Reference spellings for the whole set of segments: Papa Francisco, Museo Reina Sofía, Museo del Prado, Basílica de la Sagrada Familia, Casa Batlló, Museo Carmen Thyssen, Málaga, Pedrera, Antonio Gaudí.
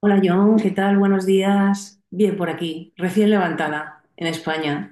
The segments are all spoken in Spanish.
Hola John, ¿qué tal? Buenos días. Bien por aquí, recién levantada en España.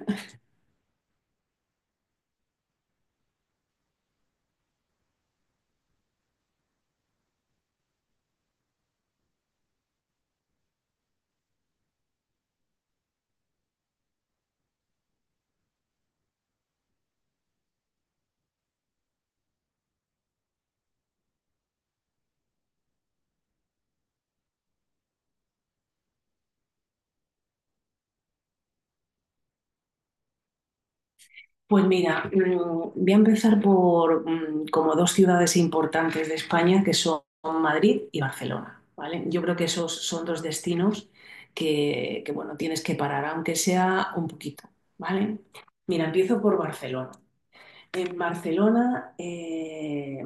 Pues mira, voy a empezar por como dos ciudades importantes de España, que son Madrid y Barcelona, ¿vale? Yo creo que esos son dos destinos que, bueno, tienes que parar, aunque sea un poquito, ¿vale? Mira, empiezo por Barcelona. En Barcelona,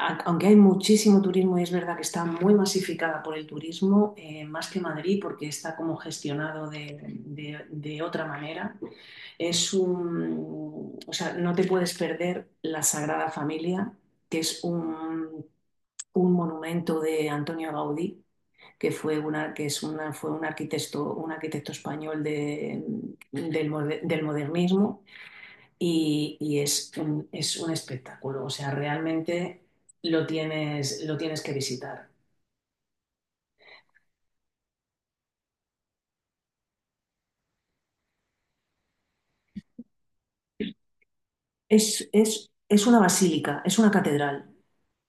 aunque hay muchísimo turismo y es verdad que está muy masificada por el turismo, más que Madrid, porque está como gestionado de otra manera, o sea, no te puedes perder la Sagrada Familia, que es un monumento de Antonio Gaudí, que fue una, que es una, fue un arquitecto español del modernismo, y es un espectáculo, o sea, realmente lo tienes que visitar. Es una basílica, es una catedral,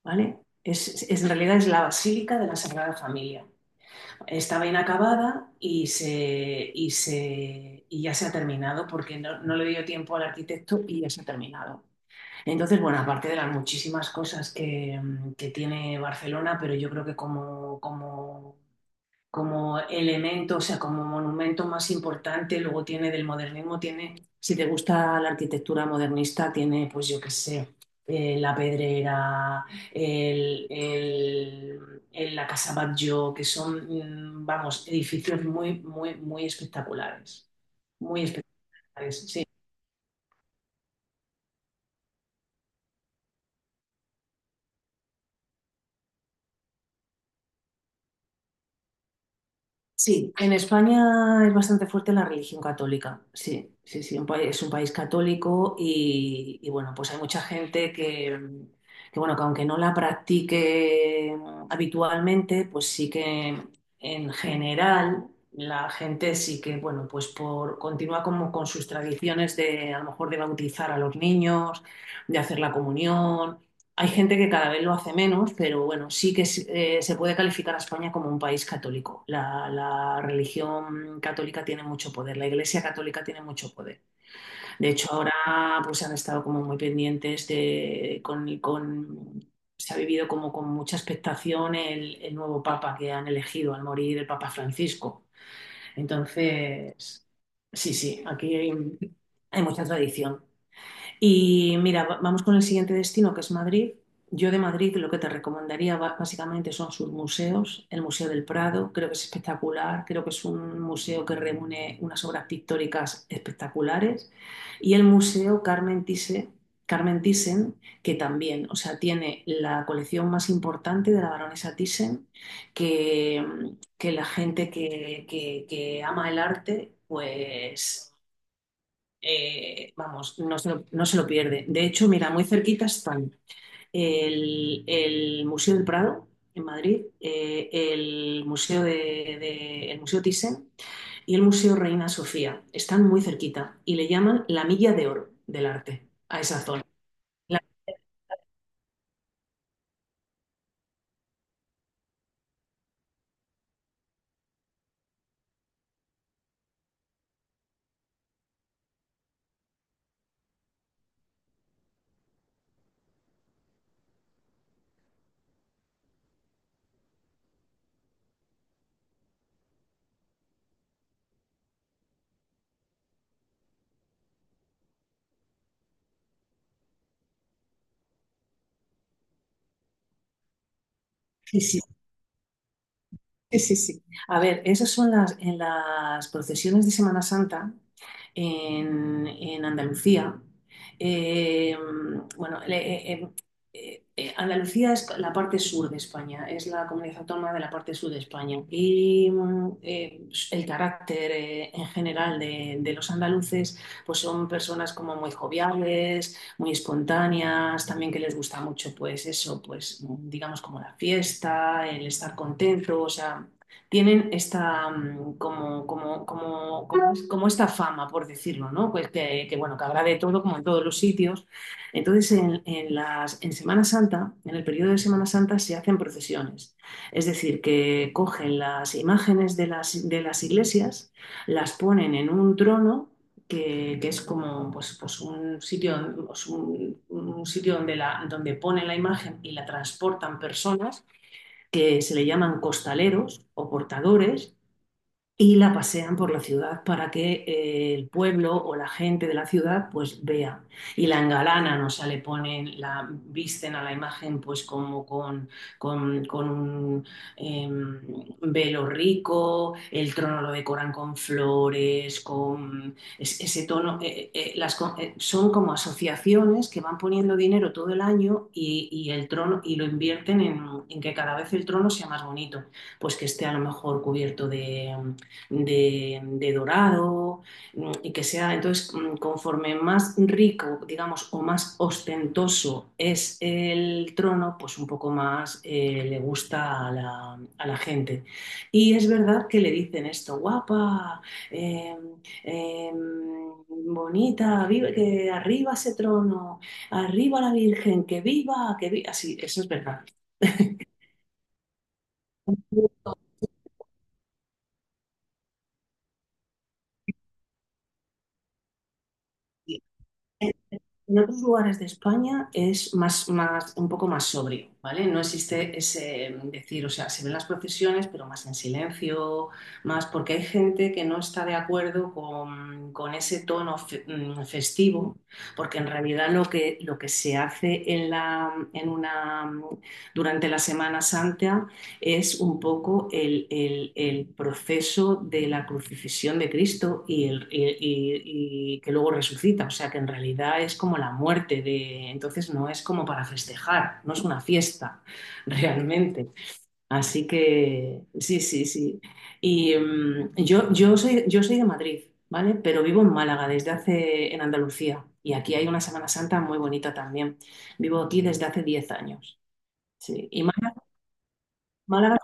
¿vale? En realidad es la Basílica de la Sagrada Familia. Estaba inacabada y ya se ha terminado porque no le dio tiempo al arquitecto y ya se ha terminado. Entonces, bueno, aparte de las muchísimas cosas que tiene Barcelona, pero yo creo que como elemento, o sea, como monumento más importante, luego tiene del modernismo, tiene, si te gusta la arquitectura modernista, tiene, pues yo qué sé, la Pedrera, la Casa Batlló, que son, vamos, edificios muy, muy, muy espectaculares, sí. Sí, en España es bastante fuerte la religión católica. Sí, sí, sí, es un país católico y, bueno, pues hay mucha gente que, bueno, que aunque no la practique habitualmente, pues sí que en general la gente sí que, bueno, continúa como con sus tradiciones de a lo mejor de bautizar a los niños, de hacer la comunión. Hay gente que cada vez lo hace menos, pero bueno, se puede calificar a España como un país católico. La religión católica tiene mucho poder, la Iglesia católica tiene mucho poder. De hecho, ahora pues han estado como muy pendientes. Se ha vivido como con mucha expectación el nuevo papa que han elegido al morir el Papa Francisco. Entonces, sí, sí, aquí hay mucha tradición. Y mira, vamos con el siguiente destino, que es Madrid. Yo de Madrid lo que te recomendaría básicamente son sus museos, el Museo del Prado, creo que es espectacular, creo que es un museo que reúne unas obras pictóricas espectaculares, y el Museo Carmen Thyssen, que también, o sea, tiene la colección más importante de la baronesa Thyssen, que, que la gente que ama el arte, pues vamos, no se lo pierde. De hecho, mira, muy cerquita están el Museo del Prado en Madrid, el Museo Thyssen y el Museo Reina Sofía. Están muy cerquita y le llaman la milla de oro del arte a esa zona. La- sí, sí, sí, sí, sí. A ver, esas son en las procesiones de Semana Santa en Andalucía. eh, bueno, eh, em, Andalucía es la parte sur de España, es la comunidad autónoma de la parte sur de España. Y el carácter en general de los andaluces, pues son personas como muy joviales, muy espontáneas, también que les gusta mucho, pues eso, pues digamos como la fiesta, el estar contento, o sea, tienen esta mm, como, como, como, como, como esta fama, por decirlo, ¿no? Pues que, bueno, que habrá de todo, como en todos los sitios. Entonces, en Semana Santa, en el periodo de Semana Santa, se hacen procesiones. Es decir, que cogen las imágenes de las iglesias, las ponen en un trono que es como pues un sitio, pues, un sitio donde ponen la imagen y la transportan personas que se le llaman costaleros o portadores y la pasean por la ciudad para que el pueblo o la gente de la ciudad pues vea y la engalanan, o sea, le ponen, la visten a la imagen pues como con un em, velo rico, el trono lo decoran con flores, con ese tono, son como asociaciones que van poniendo dinero todo el año y el trono y lo invierten en que cada vez el trono sea más bonito, pues que esté a lo mejor cubierto de dorado, y que sea, entonces, conforme más rico, digamos, o más ostentoso es el trono, pues un poco más le gusta a la gente. Y es verdad que le dicen esto, guapa, eh, eh, bonita, vive, que arriba ese trono, arriba la Virgen, que viva, así, eso es verdad. En otros lugares de España es un poco más sobrio, ¿vale? No existe ese decir, o sea, se ven las procesiones, pero más en silencio, más porque hay gente que no está de acuerdo con ese tono festivo, porque en realidad lo que se hace en la, en una, mm, durante la Semana Santa es un poco el proceso de la crucifixión de Cristo y que luego resucita. O sea que en realidad es como la muerte de. Entonces no es como para festejar, no es una fiesta realmente. Así que sí, sí, sí. Y yo soy de Madrid, ¿vale? Pero vivo en Málaga desde hace, en Andalucía. Y aquí hay una Semana Santa muy bonita también. Vivo aquí desde hace 10 años. Sí. Y Málaga. Málaga.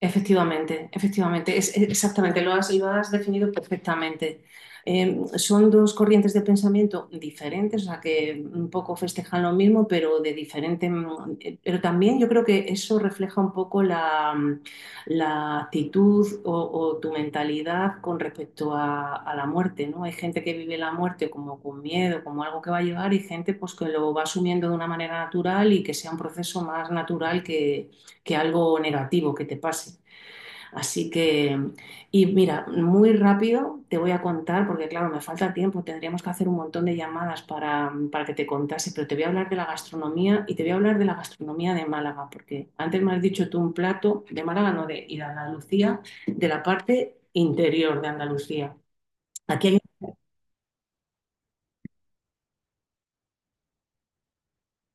Efectivamente, efectivamente, exactamente, lo has definido perfectamente. Son dos corrientes de pensamiento diferentes, o sea, que un poco festejan lo mismo, pero de diferente. Pero también yo creo que eso refleja un poco la actitud o tu mentalidad con respecto a la muerte, ¿no? Hay gente que vive la muerte como con miedo, como algo que va a llegar, y gente pues que lo va asumiendo de una manera natural y que sea un proceso más natural que algo negativo que te pase. Así que, y mira, muy rápido te voy a contar, porque claro, me falta tiempo, tendríamos que hacer un montón de llamadas para que te contase, pero te voy a hablar de la gastronomía y te voy a hablar de la gastronomía de Málaga, porque antes me has dicho tú un plato de Málaga, no de, y de Andalucía, de la parte interior de Andalucía. Aquí hay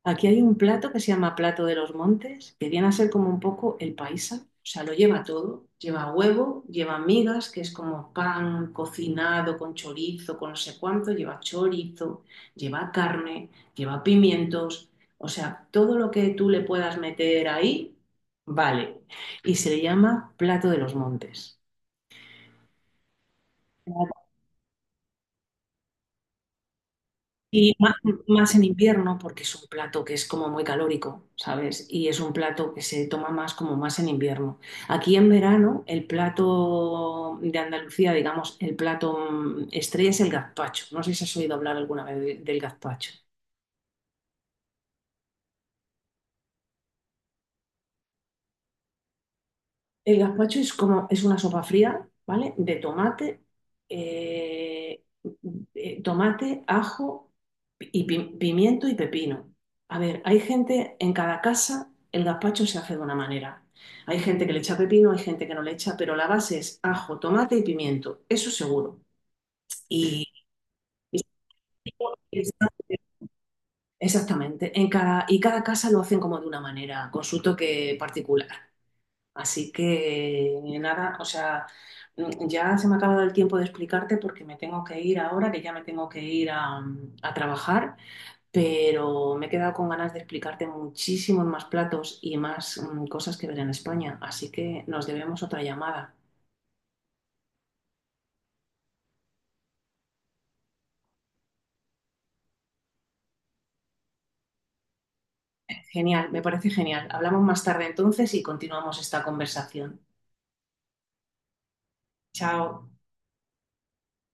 Aquí hay un plato que se llama plato de los montes, que viene a ser como un poco el paisa, o sea, lo lleva todo, lleva huevo, lleva migas, que es como pan cocinado con chorizo, con no sé cuánto, lleva chorizo, lleva carne, lleva pimientos, o sea, todo lo que tú le puedas meter ahí, vale, y se le llama plato de los montes. Y más, más en invierno, porque es un plato que es como muy calórico, ¿sabes? Y es un plato que se toma más como más en invierno. Aquí en verano, el plato de Andalucía, digamos, el plato estrella es el gazpacho. No sé si has oído hablar alguna vez del gazpacho. El gazpacho es como, es una sopa fría, ¿vale? De tomate, eh, tomate, ajo y pimiento y pepino. A ver, hay gente en cada casa, el gazpacho se hace de una manera. Hay gente que le echa pepino, hay gente que no le echa, pero la base es ajo, tomate y pimiento, eso seguro. Y, y- Exactamente, en cada, y cada casa lo hacen como de una manera, con su toque particular. Así que nada, o sea, ya se me ha acabado el tiempo de explicarte porque me tengo que ir ahora, que ya me tengo que ir a trabajar, pero me he quedado con ganas de explicarte muchísimos más platos y más cosas que ver en España, así que nos debemos otra llamada. Genial, me parece genial. Hablamos más tarde entonces y continuamos esta conversación. Chao.